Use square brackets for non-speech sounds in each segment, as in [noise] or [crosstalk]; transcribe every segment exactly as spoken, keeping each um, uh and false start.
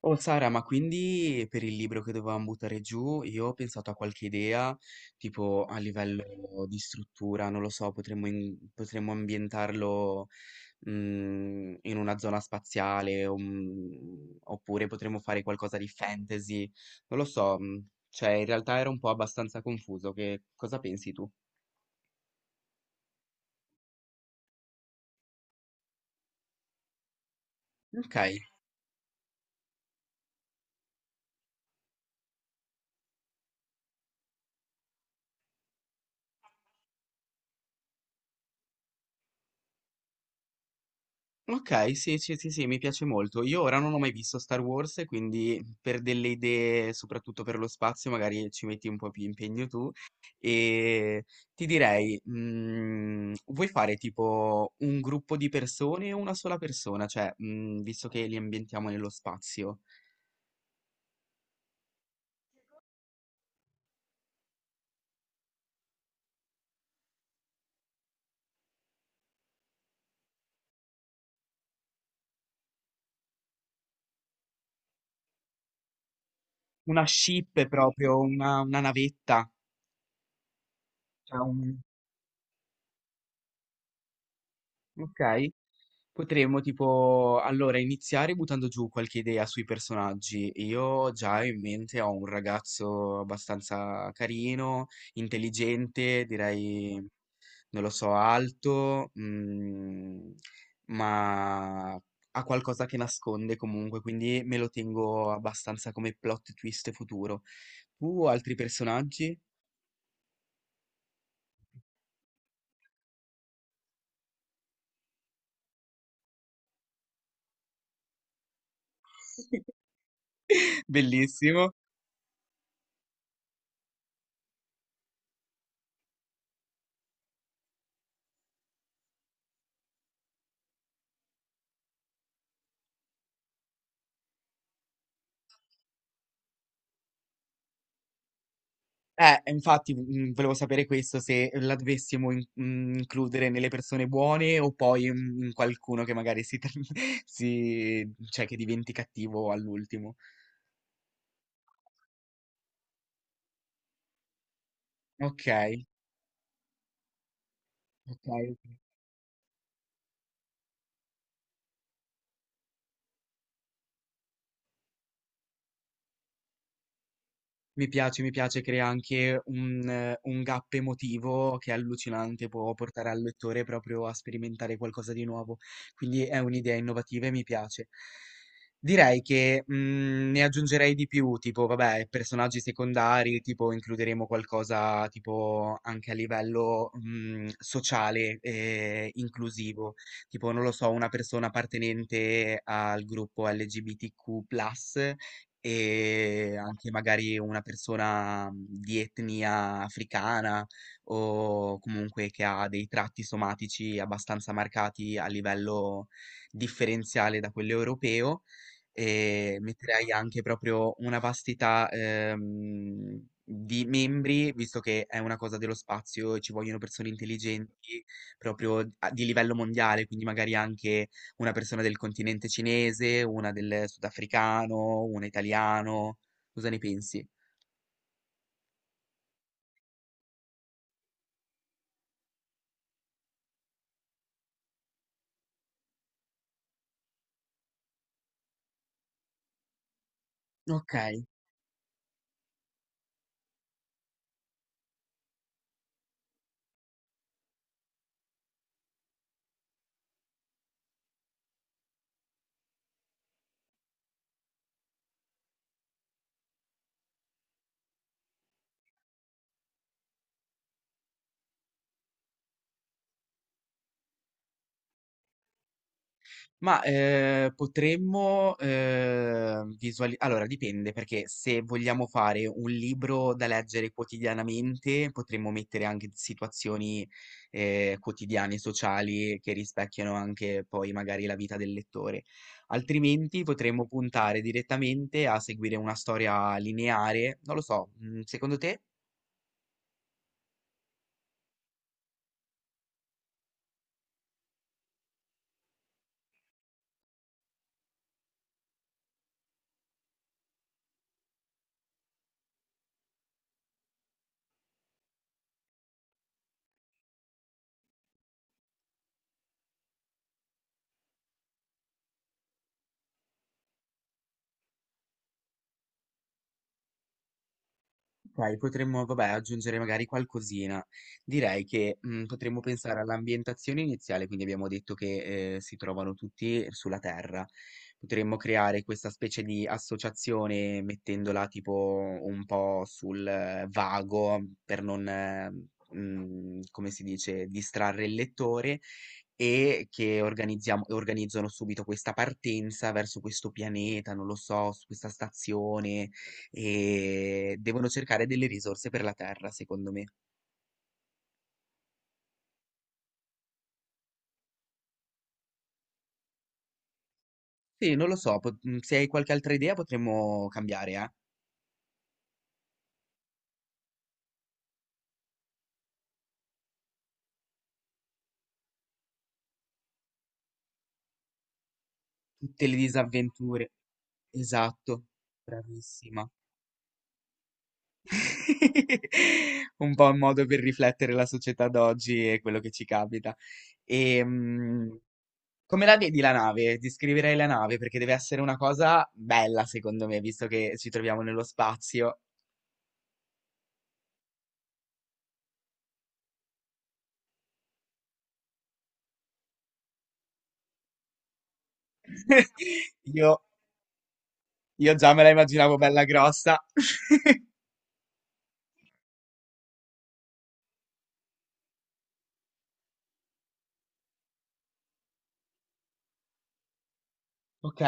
Oh Sara, ma quindi per il libro che dovevamo buttare giù, io ho pensato a qualche idea, tipo a livello di struttura, non lo so, potremmo, in- potremmo ambientarlo mm, in una zona spaziale, o, mm, oppure potremmo fare qualcosa di fantasy, non lo so, mm, cioè in realtà era un po' abbastanza confuso, che cosa pensi tu? Ok. Ok, sì, sì, sì, sì, mi piace molto. Io ora non ho mai visto Star Wars, quindi per delle idee, soprattutto per lo spazio, magari ci metti un po' più impegno tu. E ti direi, mm, vuoi fare tipo un gruppo di persone o una sola persona? Cioè, mm, visto che li ambientiamo nello spazio, una ship proprio, una, una navetta. Cioè un- Ok, potremmo tipo allora iniziare buttando giù qualche idea sui personaggi. Io già in mente ho un ragazzo abbastanza carino, intelligente, direi, non lo so, alto, mm, ma ha qualcosa che nasconde comunque, quindi me lo tengo abbastanza come plot twist futuro. Tu, altri personaggi? [laughs] Bellissimo. Eh, infatti, mm, volevo sapere questo, se la dovessimo in- mm, includere nelle persone buone o poi mm, in qualcuno che magari si, tra- [laughs] si, cioè che diventi cattivo all'ultimo. Ok, ok. Ok. Mi piace, mi piace, crea anche un, eh, un gap emotivo che è allucinante, può portare al lettore proprio a sperimentare qualcosa di nuovo, quindi è un'idea innovativa e mi piace. Direi che mm, ne aggiungerei di più, tipo, vabbè, personaggi secondari, tipo includeremo qualcosa tipo anche a livello mm, sociale e inclusivo, tipo, non lo so, una persona appartenente al gruppo L G B T Q più, e anche magari una persona mh, di etnia africana o comunque che ha dei tratti somatici abbastanza marcati a livello differenziale da quello europeo e metterei anche proprio una vastità ehm, di membri, visto che è una cosa dello spazio, ci vogliono persone intelligenti proprio a- di livello mondiale, quindi magari anche una persona del continente cinese, una del sudafricano, una italiano. Cosa ne pensi? Ok. Ma eh, potremmo visualizzare. Allora, dipende, perché se vogliamo fare un libro da leggere quotidianamente, potremmo mettere anche situazioni eh, quotidiane, sociali, che rispecchiano anche poi magari la vita del lettore. Altrimenti potremmo puntare direttamente a seguire una storia lineare. Non lo so, mm, secondo te? Ok, potremmo, vabbè, aggiungere magari qualcosina. Direi che mm, potremmo pensare all'ambientazione iniziale, quindi abbiamo detto che eh, si trovano tutti sulla Terra. Potremmo creare questa specie di associazione mettendola tipo un po' sul eh, vago per non, eh, mm, come si dice, distrarre il lettore e che organizziamo, organizzano subito questa partenza verso questo pianeta, non lo so, su questa stazione e devono cercare delle risorse per la Terra, secondo me. Sì, non lo so, pot- mm, se hai qualche altra idea potremmo cambiare, eh? Tutte le disavventure. Esatto, bravissima. [laughs] Un po' un modo per riflettere la società d'oggi e quello che ci capita. E, mm, come la vedi la nave? Descriverei la nave perché deve essere una cosa bella, secondo me, visto che ci troviamo nello spazio. [laughs] Io, io già me la immaginavo bella grossa. [laughs] Ok.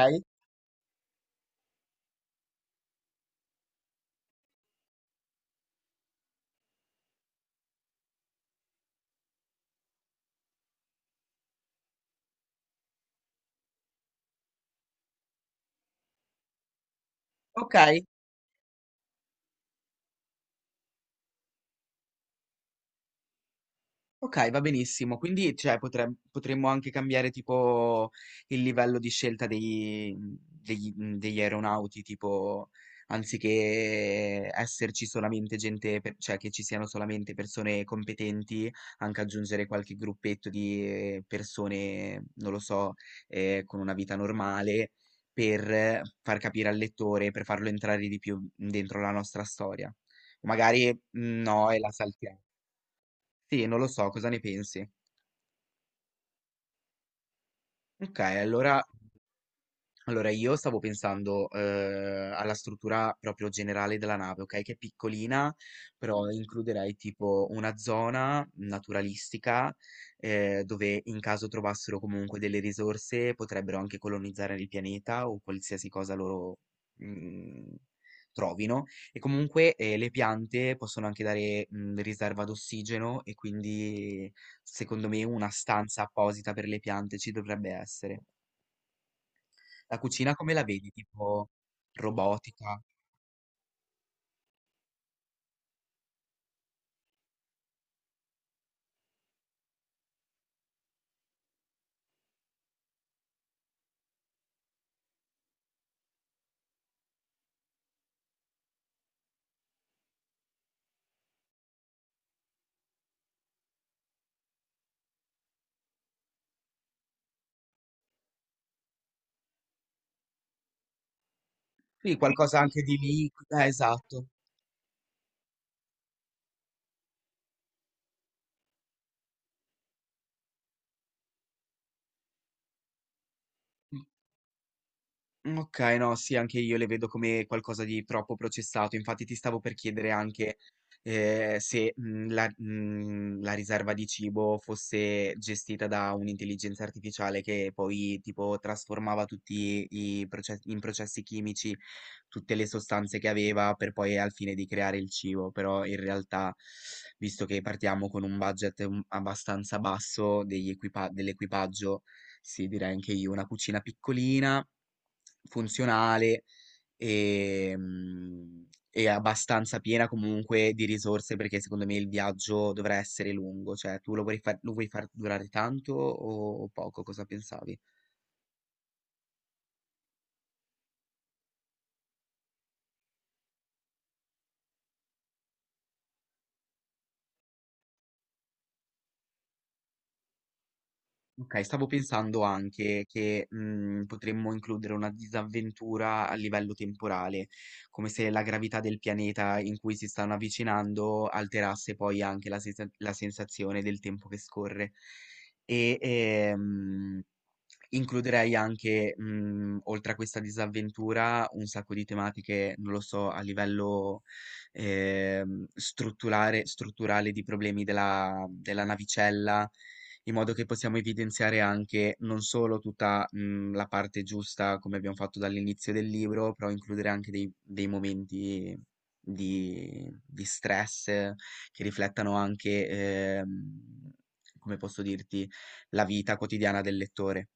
Okay, okay, va benissimo. Quindi, cioè, potrem potremmo anche cambiare tipo il livello di scelta dei mhmm, degli mhmm, degli aeronauti, tipo anziché esserci solamente gente per cioè, che ci siano solamente persone competenti, anche aggiungere qualche gruppetto di, ehm, persone, non lo so, ehm, con una vita normale, per eh, far capire al lettore, per farlo entrare di più dentro la nostra storia. Magari, mhmm, no e la saltia. Sì, non lo so, cosa ne pensi? Okay. Allora Allora, io stavo pensando, eh, alla struttura proprio generale della nave, ok? Che è piccolina, però includerei tipo una zona naturalistica, eh, dove in caso trovassero comunque delle risorse, potrebbero anche colonizzare il pianeta o qualsiasi cosa loro, mm, trovino. E comunque, eh, le piante possono anche dare, mm, riserva d'ossigeno e quindi, secondo me, una stanza apposita per le piante ci dovrebbe essere. La cucina come la vedi? Tipo robotica? Sì, qualcosa anche di liqui, eh, esatto. Mhmm, okay, no, sì, anche io le vedo come qualcosa di troppo processato. Infatti ti stavo per chiedere anche, ehm, se, mhmm, la mhmm, la riserva di cibo fosse gestita da un'intelligenza artificiale che poi tipo trasformava tutti i proce in processi chimici tutte le sostanze che aveva per poi al fine di creare il cibo, però in realtà visto che partiamo con un budget, mhmm, abbastanza basso degli equipa dell'equipaggio, sì, direi anche io una cucina piccolina funzionale e, mm, e abbastanza piena comunque di risorse perché secondo me il viaggio dovrà essere lungo, cioè tu lo vuoi far, lo vuoi far durare tanto o poco? Cosa pensavi? Ok, stavo pensando anche che mm, potremmo includere una disavventura a livello temporale, come se la gravità del pianeta in cui si stanno avvicinando alterasse poi anche la, sensa- la sensazione del tempo che scorre. E ehm, Includerei anche, mhmm, oltre a questa disavventura, un sacco di tematiche, non lo so, a livello, ehm, strutturare strutturale di problemi della della navicella, in modo che possiamo evidenziare anche non solo tutta, mhmm, la parte giusta come abbiam fatto dall'inizio del libro, però includere anche dei dei momenti di di stress, eh, che riflettano anche, ehm, come posso dirti, la vita quotidiana del lettore.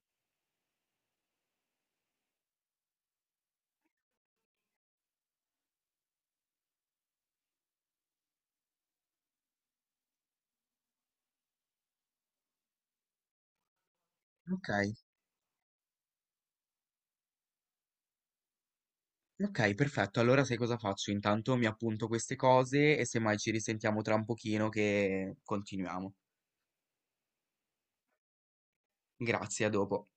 Ok, ok, perfetto. Allora sai cosa faccio? Intanto mi appunto queste cose e semmai ci risentiamo tra un pochino che continuiamo. Grazie, a dopo.